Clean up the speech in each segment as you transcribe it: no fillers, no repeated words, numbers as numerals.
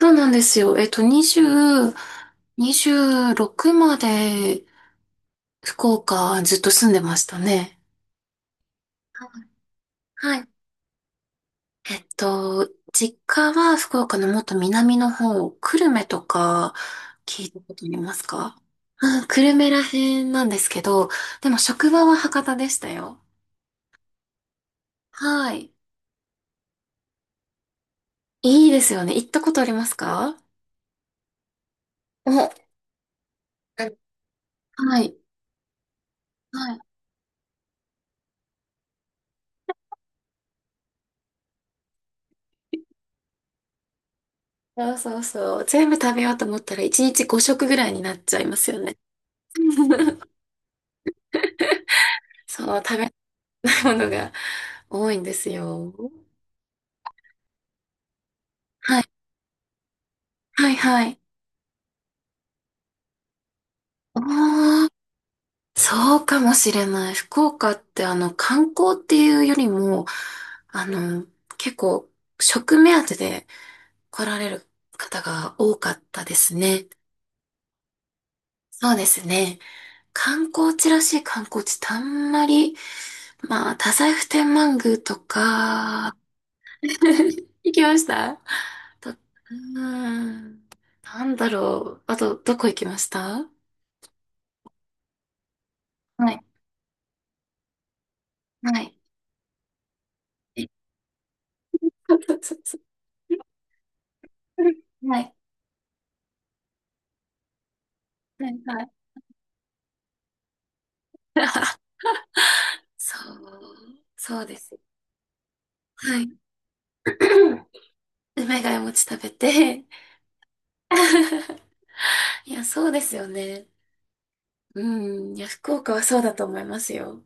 そうなんですよ。20、26まで福岡ずっと住んでましたね。はい。えっと、実家は福岡のもっと南の方、久留米とか聞いたことありますか？うん。久留米ら辺なんですけど、でも職場は博多でしたよ。はい。いいですよね。行ったことありますか？お、はい。はい。そうそうそう。全部食べようと思ったら1日5食ぐらいになっちゃいますよね。その食べたいものが多いんですよ。はい、はい、はい。ああ、そうかもしれない。福岡って観光っていうよりも、あの、結構食目当てで来られる方が多かったですね。そうですね。観光地らしい観光地ってあんまり、まあ、太宰府天満宮とか、行きましたと、ーん、なんだろう。あと、どこ行きました？はい。はい。え はい。はい。はい。そう。そうです。はい。梅ヶ谷餅食べて いや、そうですよね。うん。いや、福岡はそうだと思いますよ。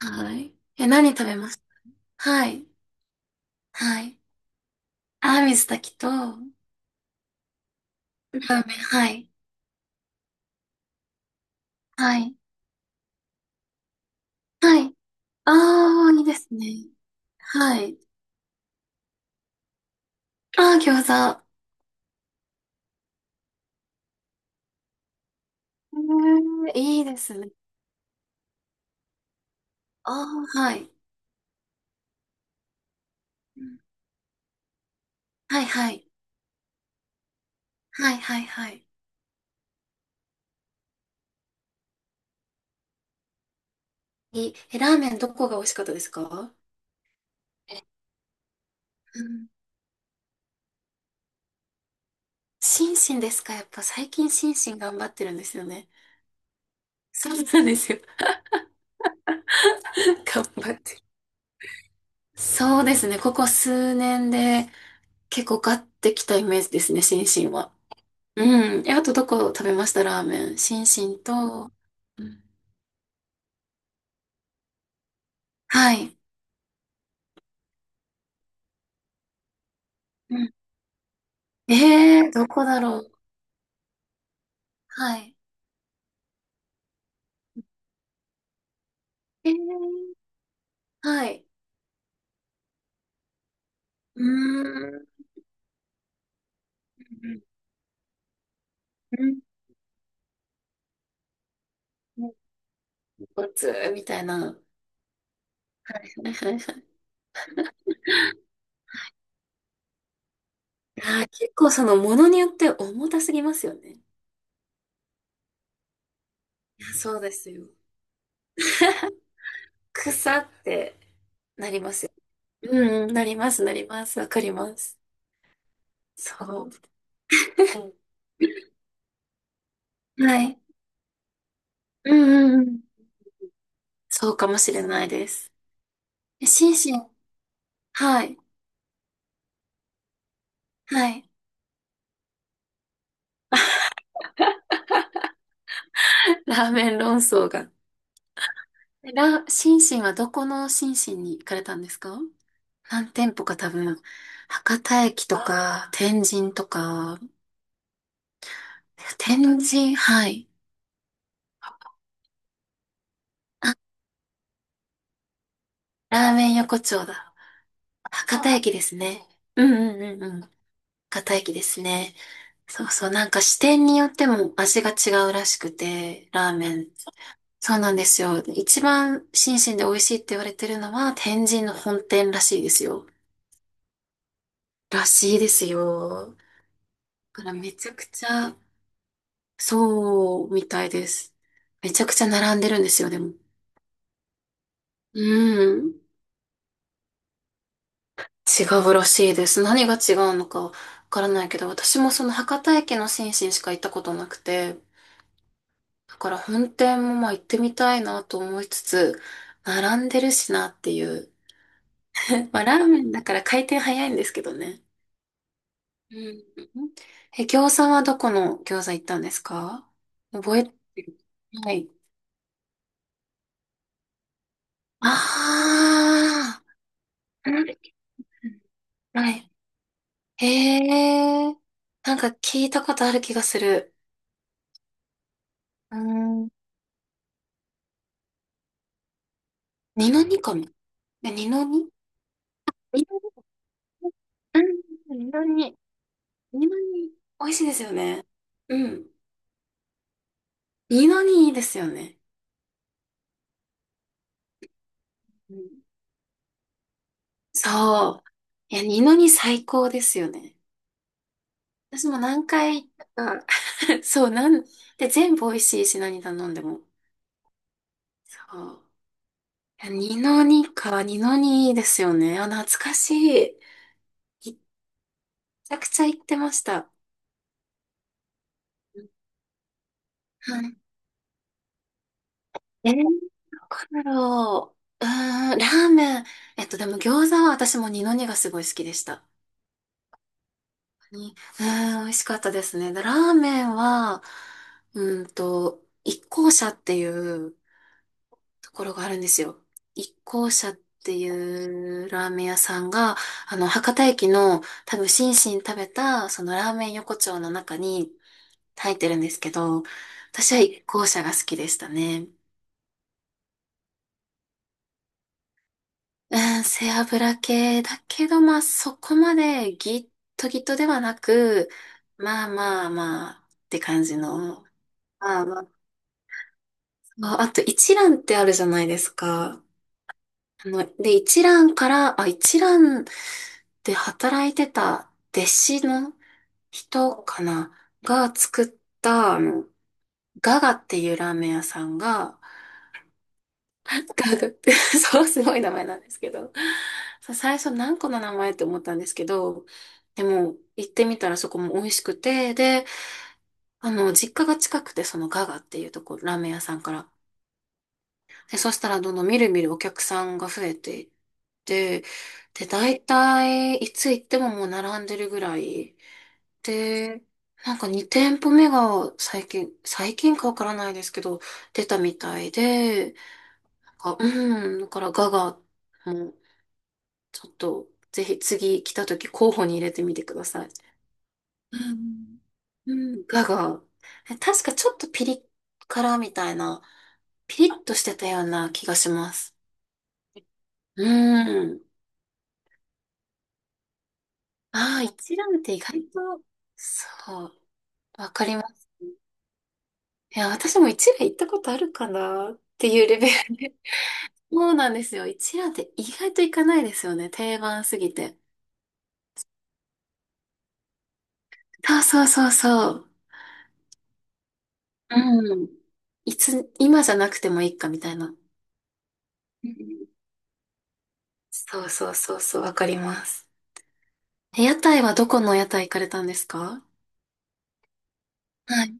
はい。え、何食べます？はい。はい。あ、水炊きと、ラーメン。はい。はい。はい。ああ、いいですね。はい。ああ、餃子。いいですね。ああ、はい。うん。はい、はい。はいはいはい。いいえ、ラーメンどこが美味しかったですか？え、うん。心身ですか？やっぱ最近心身頑張ってるんですよね。そうなんですよ。頑張ってる。そうですね。ここ数年で結構買ってきたイメージですね、心身は。うん。え、あとどこ食べました？ラーメン。心身と、うん。はい。うん。どこだろう。はい。えー、はい。うーん。うん。うん。豚骨みたいな。はいはいはいはい。あー、結構そのものによって重たすぎますよね。いや、そうですよ。草ってなりますよ。うんうん、なります、なります。わかります。そう。はい。うんうんうん。そうかもしれないです。え、心身。はい。はい。ラーメン論争が。心身はどこの心身に行かれたんですか？何店舗か多分、博多駅とか、天神とか、天神、はい。あ、ラーメン横丁だ。博多駅ですね。う。んうんうんうん。博多駅ですね。そうそう。なんか支店によっても味が違うらしくて、ラーメン。そうなんですよ。一番新鮮で美味しいって言われてるのは天神の本店らしいですよ。らしいですよ。だからめちゃくちゃ、そうみたいです。めちゃくちゃ並んでるんですよ、でも。うん。違うらしいです。何が違うのかわからないけど、私もその博多駅の新進しか行ったことなくて、だから本店もまあ行ってみたいなと思いつつ、並んでるしなっていう。まあラーメンだから回転早いんですけどね。うん。え、餃子はどこの餃子行ったんですか？覚えてる？はい。ああ、うん。はい。へえ、なんか聞いたことある気がする。うーん。二の二かも。え、二の二？二の二。うん、二の二。二の二。美味しいですよね。うん。二の二いいですよね。うん、そう。いや、二の二最高ですよね。私も何回行ったか、そう、で、全部美味しいし、何頼んでも。そう。いや、二の二か、二の二いいですよね。あ、懐かしい。めちゃくちゃ行ってました。はい。どこだろう。うーん、ラーメン。でも餃子は私も二の二がすごい好きでした。に美味しかったですね。で、ラーメンは、一向社っていうところがあるんですよ。一向社っていうラーメン屋さんが、博多駅の多分、心身食べた、そのラーメン横丁の中に入ってるんですけど、私は一向社が好きでしたね。うん、背脂系だけど、まあ、そこまでギットギットではなく、まあまあまあって感じの、まあまあまあ、あと一覧ってあるじゃないですか。で、一覧から、あ、一覧で働いてた弟子の人かなが作った、ガガっていうラーメン屋さんが、ガガって、そう、すごい名前なんですけど、そう最初何個の名前って思ったんですけど、でも、行ってみたらそこも美味しくて、で、実家が近くて、そのガガっていうところ、ラーメン屋さんから。で、そしたらどんどんみるみるお客さんが増えて、で、大体、いつ行ってももう並んでるぐらい。で、なんか2店舗目が最近、最近かわからないですけど、出たみたいで、なんかうん、だからガガも、ちょっと、ぜひ次来た時候補に入れてみてください。うんうん、ガガ。え、確かちょっとピリ辛みたいな、ピリッとしてたような気がします。うん。ああ、一蘭って意外と、そう。わかります。いや、私も一蘭行ったことあるかなっていうレベルで。そうなんですよ。一覧って意外と行かないですよね。定番すぎて。そうそうそうそう。うん。いつ、今じゃなくてもいいかみたいな。うん。そうそうそうそう、わかります。え、屋台はどこの屋台行かれたんですか？はい。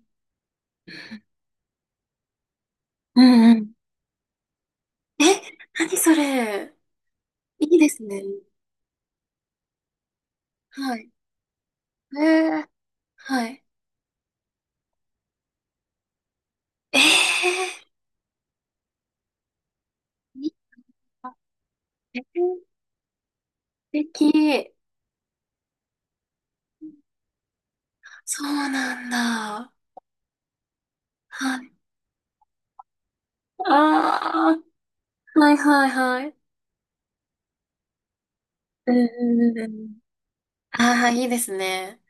うんうん。え、何それ。いいですね。はい。えー、はい。えー、いいな。素敵。そうなんだ。はい。ああ、はいはいはい。うんうんうん。ああ、いいですね。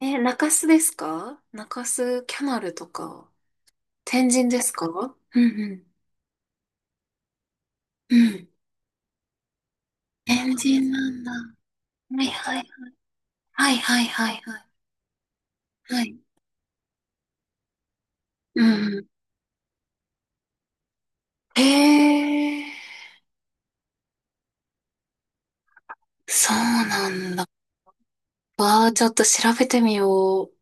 え、中洲ですか？中洲キャナルとか、天神ですか？うんうん。うん。天神なんだ。はいはい。はいはいはいはい。はい。うんうん。へえ、そうなんだ。わあ、ちょっと調べてみよう。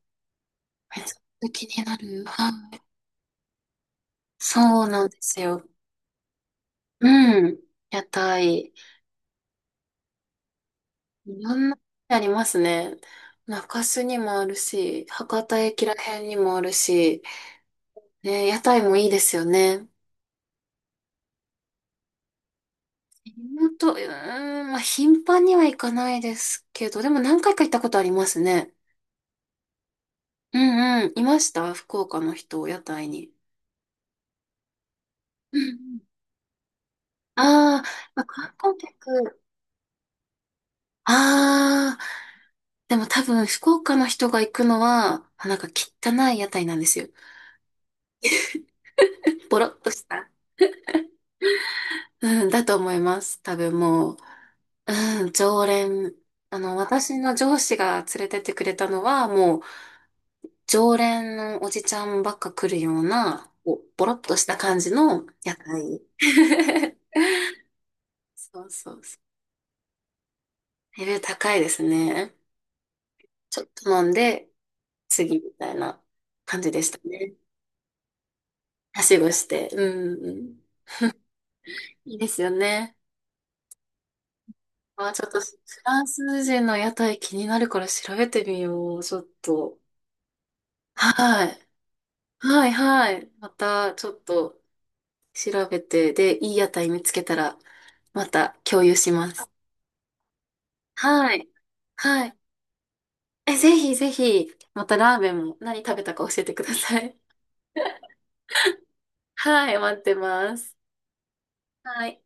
めっちゃ気になる。はい。そうなんですよ。うん。屋台。いろんなありますね。中洲にもあるし、博多駅ら辺にもあるし、ね、屋台もいいですよね。本当、まあ、頻繁には行かないですけど、でも何回か行ったことありますね。うんうん、いました福岡の人、屋台に。うんうん。あー、まあ、観光客。ああ、でも多分福岡の人が行くのは、なんか汚い屋台なんですよ。ボロっとした。うん、だと思います。多分もう。うん、常連。私の上司が連れてってくれたのは、もう、常連のおじちゃんばっか来るような、こうボロっとした感じの屋台。そうそうそう。レベル高いですね。ちょっと飲んで、次みたいな感じでしたね。はしごして。うんうん。いいですよね。あ、ちょっと、フランス人の屋台気になるから調べてみよう。ちょっと。はい。はいはい。また、ちょっと。調べて、で、いい屋台見つけたら、また共有します。はい。はい。え、ぜひぜひ、またラーメンも何食べたか教えてください。はい、待ってます。はい。